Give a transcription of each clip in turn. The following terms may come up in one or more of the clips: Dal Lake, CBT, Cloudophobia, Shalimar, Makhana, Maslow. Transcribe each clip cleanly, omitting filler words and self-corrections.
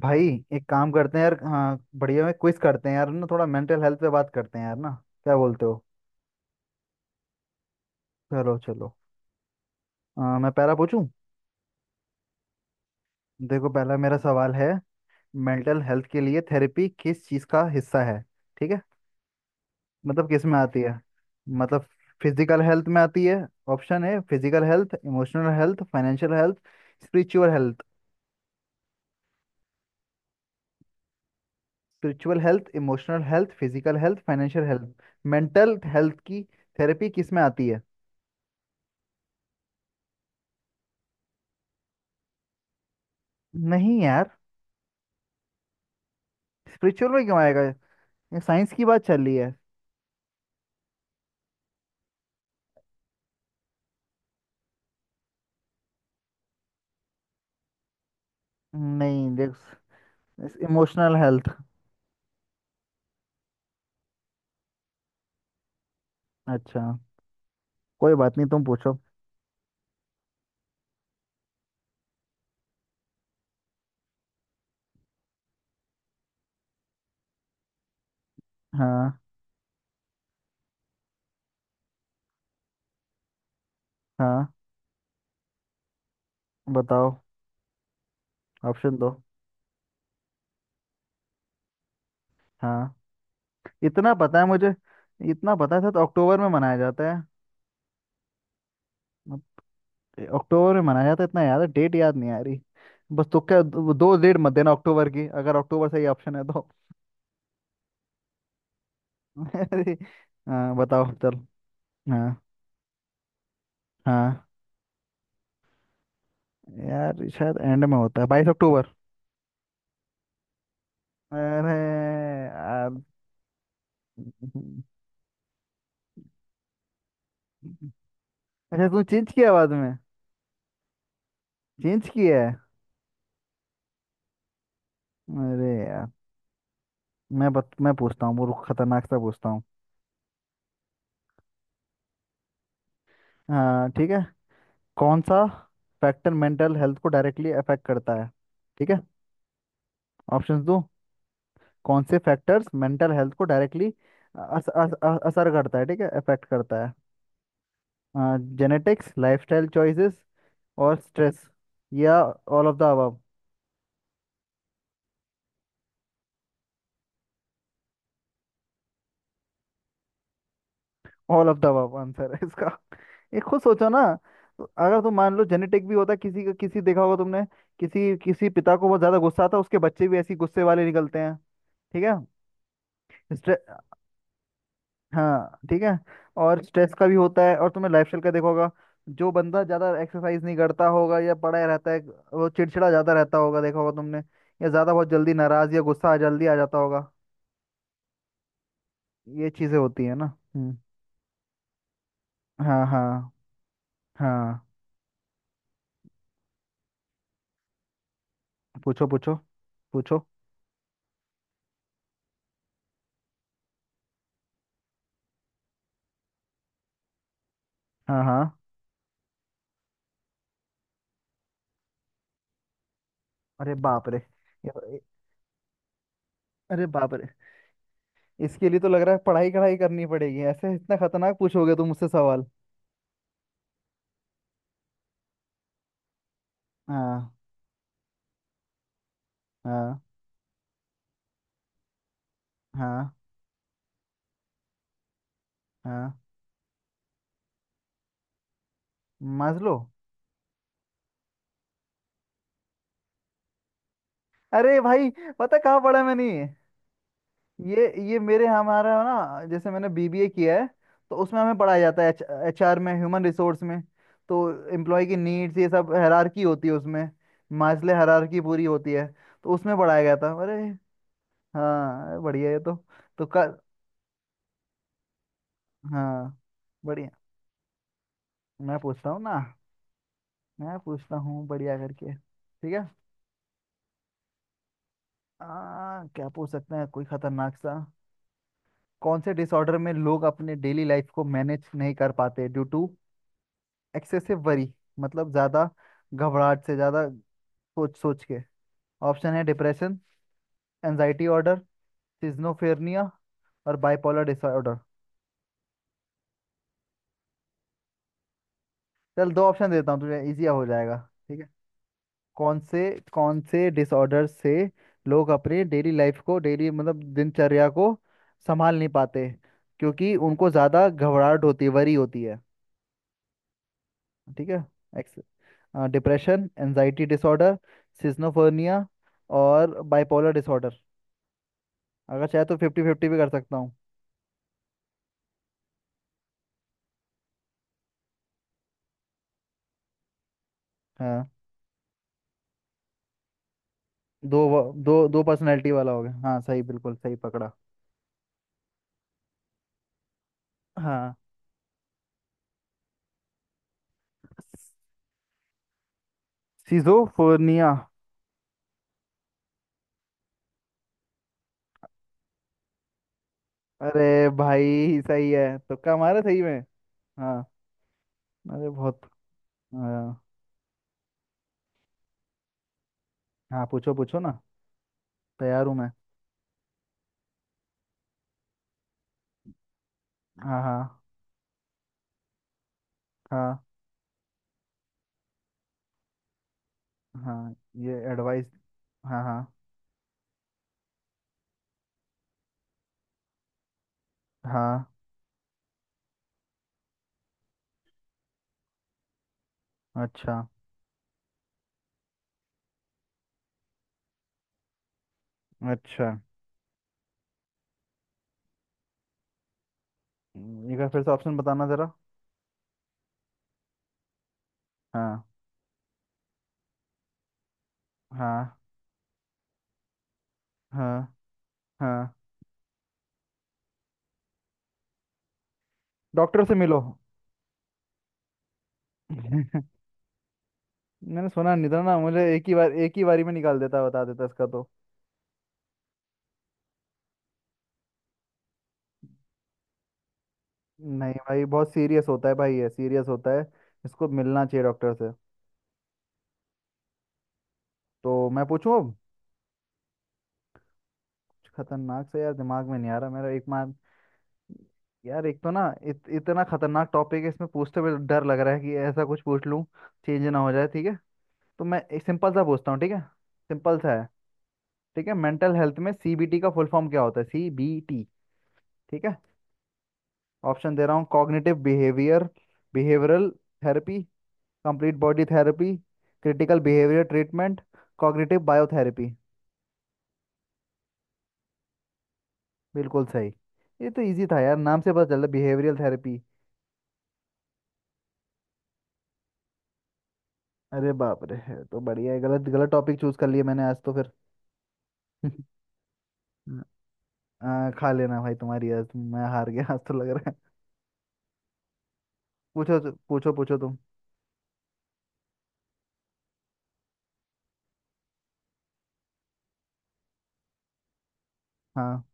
भाई एक काम करते हैं यार। हाँ बढ़िया, में क्विज करते हैं यार ना। थोड़ा मेंटल हेल्थ पे बात करते हैं यार ना। क्या बोलते हो? चलो चलो। मैं पहला पूछूं। देखो पहला मेरा सवाल है, मेंटल हेल्थ के लिए थेरेपी किस चीज़ का हिस्सा है? ठीक है, मतलब किस में आती है? मतलब फिजिकल हेल्थ में आती है? ऑप्शन है physical health, emotional health, financial health, spiritual health. Spiritual health, emotional health, physical health, financial health. Mental health की थेरेपी किस में आती है? नहीं यार, स्पिरिचुअल में क्यों आएगा? ये साइंस की बात चल रही है। नहीं देख, इमोशनल हेल्थ। अच्छा, कोई बात नहीं, तुम पूछो। हाँ। हाँ बताओ। ऑप्शन दो। हाँ, इतना पता है मुझे, इतना पता था तो अक्टूबर में मनाया जाता है। अब- अक्टूबर में मनाया जाता है, इतना याद है, डेट याद नहीं आ रही। बस, तो क्या दो दो डेट मत देना अक्टूबर की, अगर अक्टूबर सही ऑप्शन है तो। अरे, हाँ बताओ, चल। हाँ। हाँ, यार शायद एंड में होता है, 22 अक्टूबर। अरे, अच्छा, तूने चेंज किया बाद में। चेंज किया है। अरे यार। मैं पूछता हूँ, वो खतरनाक सा पूछता हूँ। हाँ ठीक है। कौन सा फैक्टर मेंटल हेल्थ को डायरेक्टली अफेक्ट करता है? ठीक है, ऑप्शंस दो। कौन से फैक्टर्स मेंटल हेल्थ को डायरेक्टली अस, अस, अ- असर करता है, ठीक है, अफेक्ट करता है। जेनेटिक्स, लाइफस्टाइल चॉइसेस और स्ट्रेस, या all of the above. All of the above answer है इसका। ये खुद सोचो ना। तो अगर तुम मान लो, जेनेटिक भी होता किसी का, किसी देखा होगा तुमने, किसी किसी पिता को बहुत ज्यादा गुस्सा आता, उसके बच्चे भी ऐसे ही गुस्से वाले निकलते हैं। ठीक है। स्ट्रे हाँ ठीक है। और स्ट्रेस का भी होता है, और तुमने लाइफ स्टाइल का देखा होगा, जो बंदा ज्यादा एक्सरसाइज नहीं करता होगा या पड़ा रहता है, वो चिड़चिड़ा ज्यादा रहता होगा, देखा होगा तुमने, या ज्यादा बहुत जल्दी नाराज या गुस्सा जल्दी आ जाता होगा। ये चीजें होती है ना। हम्म। हाँ हाँ। हाँ पूछो पूछो पूछो। हाँ। हाँ। अरे बाप रे। ये- अरे बाप रे। इसके लिए तो लग रहा है पढ़ाई कढ़ाई करनी पड़ेगी, ऐसे इतना खतरनाक पूछोगे तुम मुझसे सवाल। हाँ। हाँ। हाँ। हाँ। मास्लो। अरे भाई, पता कहाँ पढ़ा मैंने ये। ये मेरे हमारा ना, जैसे मैंने बीबीए किया है, तो उसमें हमें पढ़ाया जाता है एच, एचआर में, ह्यूमन रिसोर्स में। तो एम्प्लॉय की नीड्स ये सब हायरार्की होती है उसमें। मास्ले हायरार्की पूरी होती है। तो उसमें पढ़ाया गया था, अरे। हाँ बढ़िया है। तो का। हाँ बढ़िया। मैं पूछता हूँ ना, मैं पूछता हूँ बढ़िया करके, ठीक है। क्या पूछ सकते हैं कोई खतरनाक सा। कौन से डिसऑर्डर में लोग अपने डेली लाइफ को मैनेज नहीं कर पाते ड्यू टू एक्सेसिव वरी, मतलब ज्यादा घबराहट से, ज्यादा सोच सोच के। ऑप्शन है डिप्रेशन, एनजाइटी ऑर्डर, सिज्नोफेरनिया और बाइपोलर डिसऑर्डर। चल दो ऑप्शन देता हूँ तुझे, इजी हो जाएगा, ठीक है। कौन से, कौन से डिसऑर्डर से लोग अपने डेली लाइफ को, डेली मतलब दिनचर्या को संभाल नहीं पाते, क्योंकि उनको ज़्यादा घबराहट होती है, वरी होती है। ठीक है। एक्स डिप्रेशन, एनजाइटी डिसऑर्डर, सिजोफ्रेनिया और बाइपोलर डिसऑर्डर। अगर चाहे तो फिफ्टी फिफ्टी भी कर सकता हूँ। हाँ दो दो पर्सनैलिटी वाला हो गया, हाँ सही, बिल्कुल सही पकड़ा। हाँ। सिजोफ्रेनिया। अरे भाई सही है, तुक्का मारा सही में। हाँ। अरे बहुत। हाँ। हाँ, पूछो पूछो ना, तैयार हूँ मैं। हाँ। हाँ। हाँ। हाँ। ये एडवाइस। हाँ हाँ। हाँ। अच्छा। अच्छा। एक बार फिर से ऑप्शन बताना जरा। हाँ। हाँ। हाँ। हाँ। डॉक्टर से मिलो। मैंने सुना नहीं था ना, मुझे एक ही बार, एक ही बारी में निकाल देता, बता देता इसका तो। नहीं भाई, बहुत सीरियस होता है भाई, ये सीरियस होता है, इसको मिलना चाहिए डॉक्टर से। तो मैं पूछूं अब। कुछ खतरनाक से यार दिमाग में नहीं आ रहा, मेरा एक मार। यार एक तो ना इतना खतरनाक टॉपिक है, इसमें पूछते हुए डर लग रहा है कि ऐसा कुछ पूछ लूं, चेंज ना हो जाए, ठीक है। तो मैं एक सिंपल सा पूछता हूँ, ठीक है, सिंपल सा है। ठीक है, मेंटल हेल्थ में सीबीटी का फुल फॉर्म क्या होता है, सीबीटी, ठीक है। ऑप्शन दे रहा हूँ, cognitive behaviour, behavioural therapy, complete body therapy, critical behaviour treatment, cognitive biotherapy. बिल्कुल सही। ये तो इजी था यार, नाम से पता चल रहा है, बिहेवियरल थेरेपी। अरे बाप रे, है तो बढ़िया है, गलत गलत टॉपिक चूज कर लिए मैंने आज तो फिर। खा लेना भाई, मैं हार गया आज तो लग रहा है। पूछो पूछो तुम। हाँ।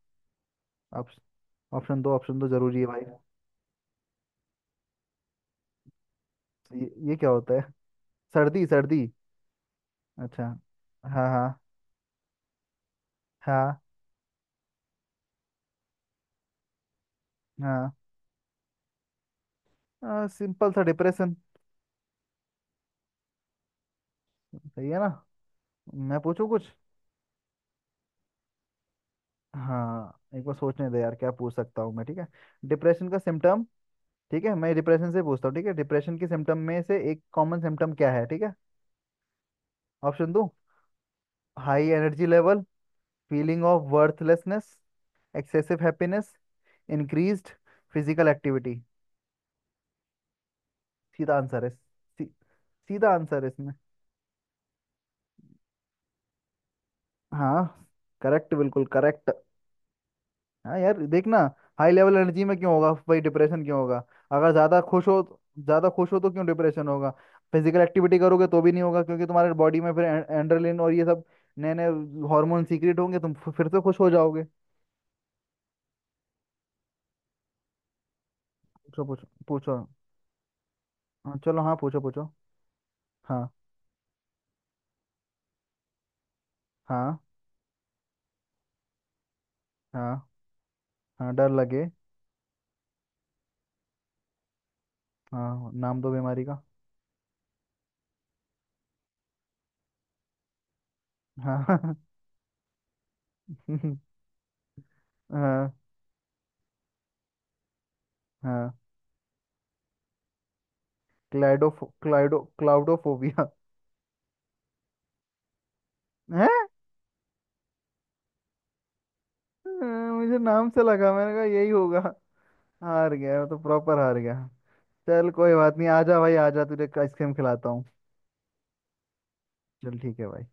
ऑप्श- ऑप्शन दो, ऑप्शन दो जरूरी है भाई। ये क्या होता है? सर्दी सर्दी, अच्छा। हाँ। हाँ। हाँ। हाँ। सिंपल सा डिप्रेशन। सही है ना। मैं पूछूं कुछ। हाँ एक बार सोचने दे यार, क्या पूछ सकता हूँ मैं, ठीक है। डिप्रेशन का सिम्टम, ठीक है, मैं डिप्रेशन से पूछता हूँ, ठीक है, डिप्रेशन के सिम्टम में से एक कॉमन सिम्टम क्या है, ठीक है। ऑप्शन दो। High energy level, feeling of worthlessness, excessive happiness, increased physical activity. सीधा आंसर है सी, सीधा आंसर है इसमें। हाँ, करेक्ट बिल्कुल करेक्ट। हाँ यार देखना, हाई लेवल एनर्जी में क्यों होगा भाई, डिप्रेशन क्यों होगा अगर ज़्यादा खुश हो? ज़्यादा खुश हो तो क्यों डिप्रेशन होगा? फिजिकल एक्टिविटी करोगे तो भी नहीं होगा, क्योंकि तुम्हारे बॉडी में फिर एंड्रेलिन और ये सब नए नए हार्मोन सीक्रेट होंगे, तुम फिर से खुश हो जाओगे। पूछो पूछो पूछो। हाँ, चलो, हाँ पूछो पूछो। हाँ। हाँ। हाँ। हाँ डर लगे। हाँ, नाम दो बीमारी का। हाँ। हाँ। हाँ। क्लाइडोफो क्लाइडो क्लाउडोफोबिया है। मुझे नाम से लगा, मैंने कहा यही होगा। हार गया मैं तो, प्रॉपर हार गया। चल कोई बात नहीं, आजा भाई आजा, तुझे आइसक्रीम खिलाता हूँ। चल ठीक है भाई।